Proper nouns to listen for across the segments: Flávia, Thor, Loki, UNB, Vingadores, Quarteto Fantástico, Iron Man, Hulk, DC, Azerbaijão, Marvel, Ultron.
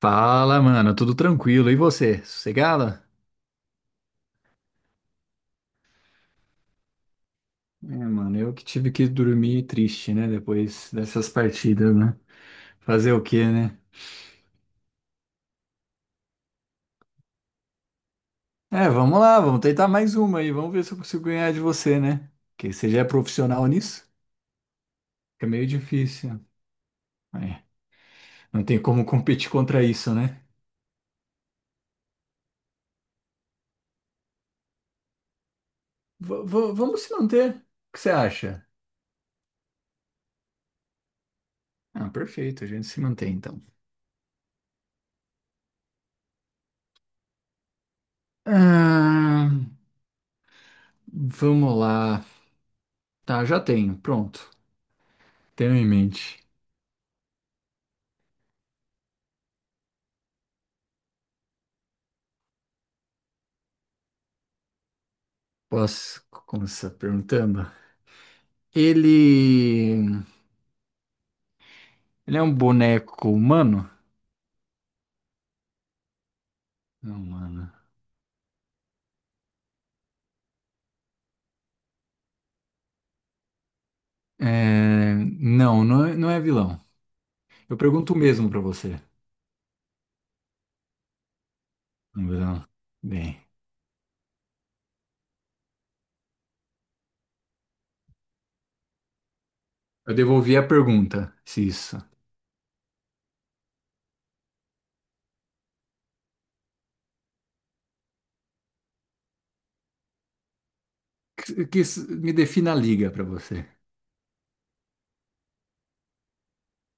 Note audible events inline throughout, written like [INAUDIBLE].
Fala, mano, tudo tranquilo. E você? Sossegada? É, mano, eu que tive que dormir triste, né? Depois dessas partidas, né? Fazer o quê, né? É, vamos lá, vamos tentar mais uma aí. Vamos ver se eu consigo ganhar de você, né? Porque você já é profissional nisso? É meio difícil. É, não tem como competir contra isso, né? Vamos se manter. O que você acha? Ah, perfeito, a gente se mantém então. Ah, vamos lá. Tá, já tenho. Pronto. Tenho em mente. Posso começar perguntando? Ele. Ele é um boneco humano? Não, mano. Não, não é, não é vilão. Eu pergunto o mesmo pra você. Não, vilão. Bem, eu devolvi a pergunta, se isso. Que isso me defina a liga pra você.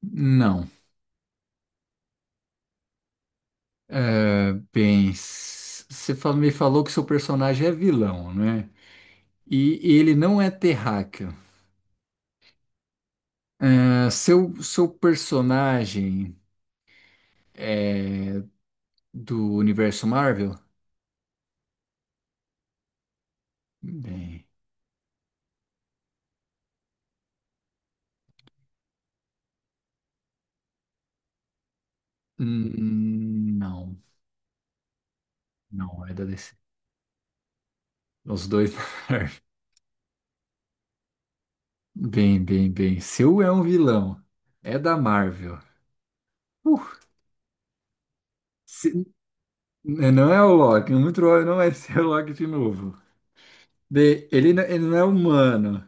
Não. É, bem, me falou que seu personagem é vilão, né? E ele não é terráqueo. É, seu personagem é do universo Marvel? Bem, não, não é da DC. Os dois da Marvel. Bem, bem, bem. Seu é um vilão. É da Marvel. Uh, se- não é o Loki. Muito provável não vai ser o Loki de novo. Bem, ele não é humano.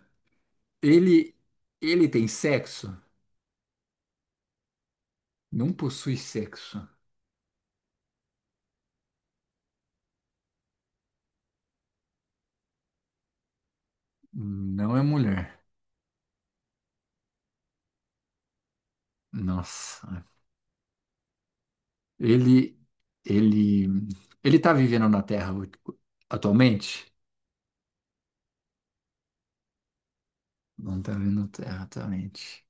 Ele, ele tem sexo? Não possui sexo. Não é mulher. Nossa. Ele, ele, ele tá vivendo na Terra atualmente? Não tá vindo terra, exatamente.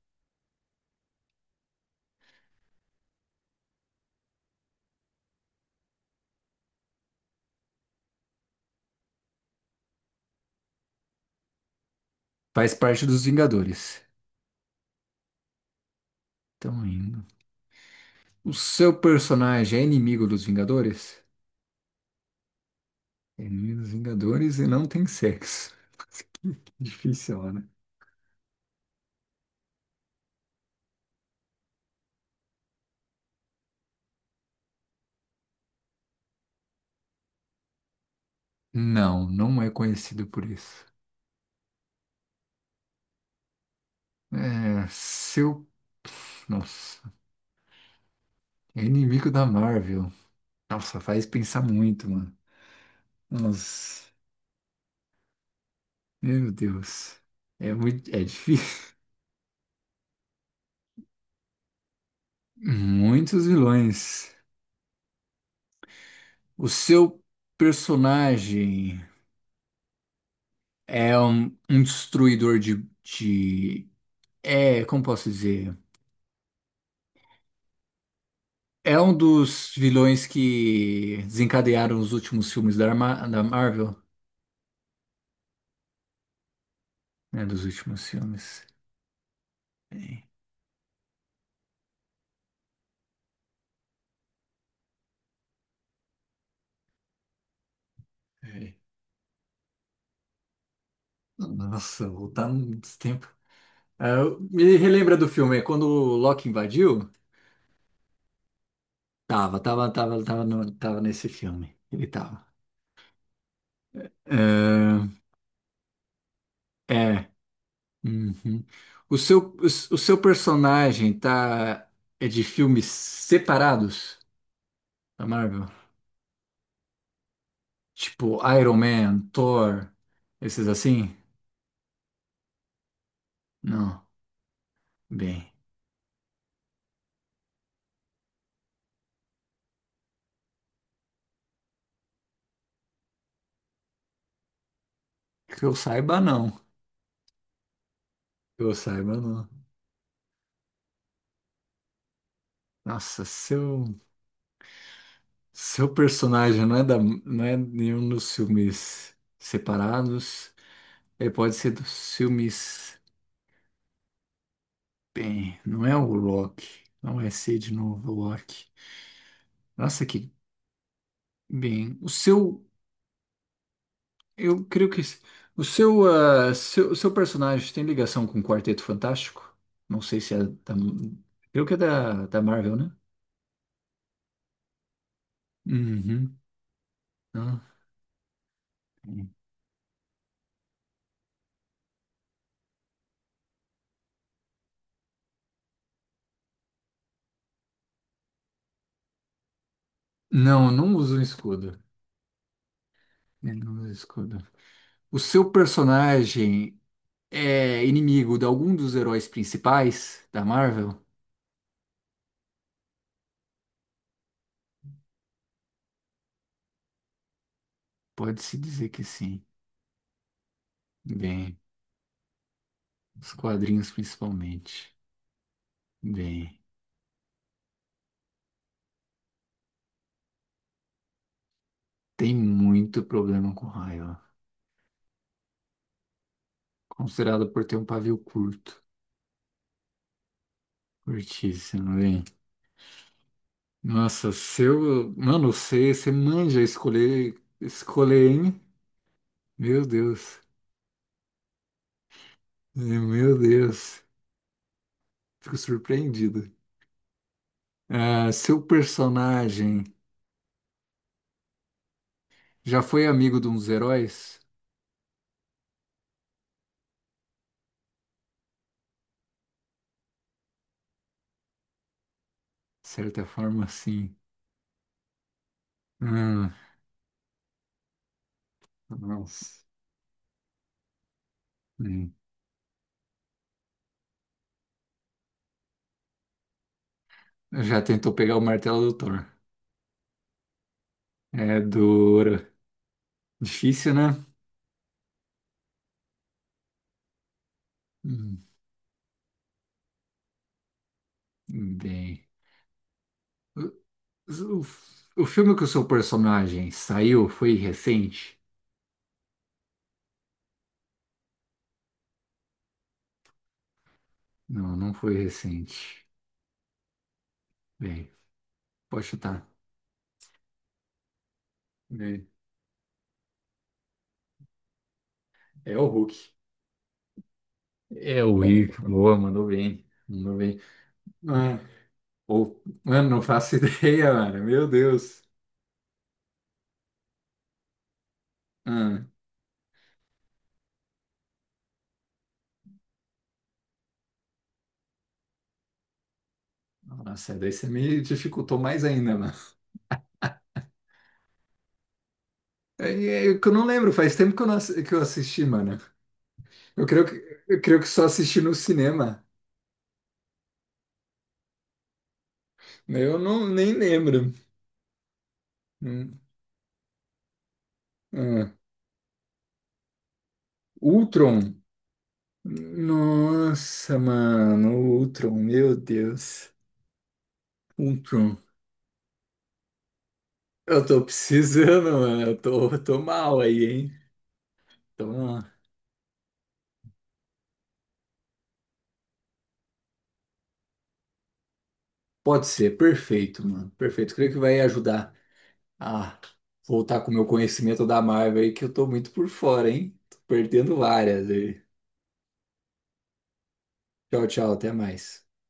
Faz parte dos Vingadores. Tão indo. O seu personagem é inimigo dos Vingadores? É inimigo dos Vingadores e não tem sexo. [LAUGHS] Que difícil, né? Não, não é conhecido por isso. É, seu. Nossa, é inimigo da Marvel. Nossa, faz pensar muito, mano. Nossa, meu Deus. É muito, é difícil. [LAUGHS] Muitos vilões. O seu personagem. É um, um destruidor de. É, como posso dizer? É um dos vilões que desencadearam os últimos filmes da, da Marvel, né? Dos últimos filmes. É. É. Nossa, voltar muito tempo. Ah, me relembra do filme, é quando o Loki invadiu? Tava, tava, tava, tava, no- Tava nesse filme. Ele tava. Ah, é. Uhum. O seu personagem tá. É de filmes separados? Da Marvel? Tipo, Iron Man, Thor, esses assim? Não. Bem, que eu saiba, não. Que eu saiba, não. Nossa, seu, seu personagem não é, da, não é nenhum dos filmes separados. Ele pode ser dos filmes. Bem, não é o Loki. Não vai ser de novo o Loki. Nossa, que. Bem, o seu. Eu creio que s- O o seu personagem tem ligação com o Quarteto Fantástico? Não sei se é da. Creio que é da Marvel, né? Uhum. Ah. Não, não usa um escudo. Eu não uso escudo. O seu personagem é inimigo de algum dos heróis principais da Marvel? Pode-se dizer que sim. Bem, os quadrinhos principalmente. Bem, tem muito problema com raiva, considerado por ter um pavio curto. Curtíssimo, hein? Nossa, seu. Mano, você manja escolher, escolher, hein? Meu Deus. Meu Deus. Fico surpreendido. Ah, seu personagem já foi amigo de uns heróis? De certa forma, sim. Hum, nossa. Hum. Já tentou pegar o martelo do Thor. É duro. Difícil, né? Hum, bem. O, o, o filme que o seu personagem saiu foi recente? Não, não foi recente. Bem, pode chutar. Bem, é o Hulk. É o É, Hulk. Boa, mandou bem. Mandou bem. Ah, mano, não faço [LAUGHS] ideia, mano. Meu Deus. Ah, nossa, daí você me dificultou mais ainda, mano. É é que eu não lembro, faz tempo que eu, não, assi- que eu assisti, mano. Eu creio que só assisti no cinema. Eu não, nem lembro. Hum, ah, Ultron. Nossa, mano, Ultron, meu Deus. Ultron. Eu tô precisando, mano. Eu tô mal aí, hein? Então, ah, pode ser, perfeito, mano. Perfeito. Creio que vai ajudar a voltar com o meu conhecimento da Marvel aí, que eu tô muito por fora, hein? Tô perdendo várias aí. Tchau, tchau, até mais.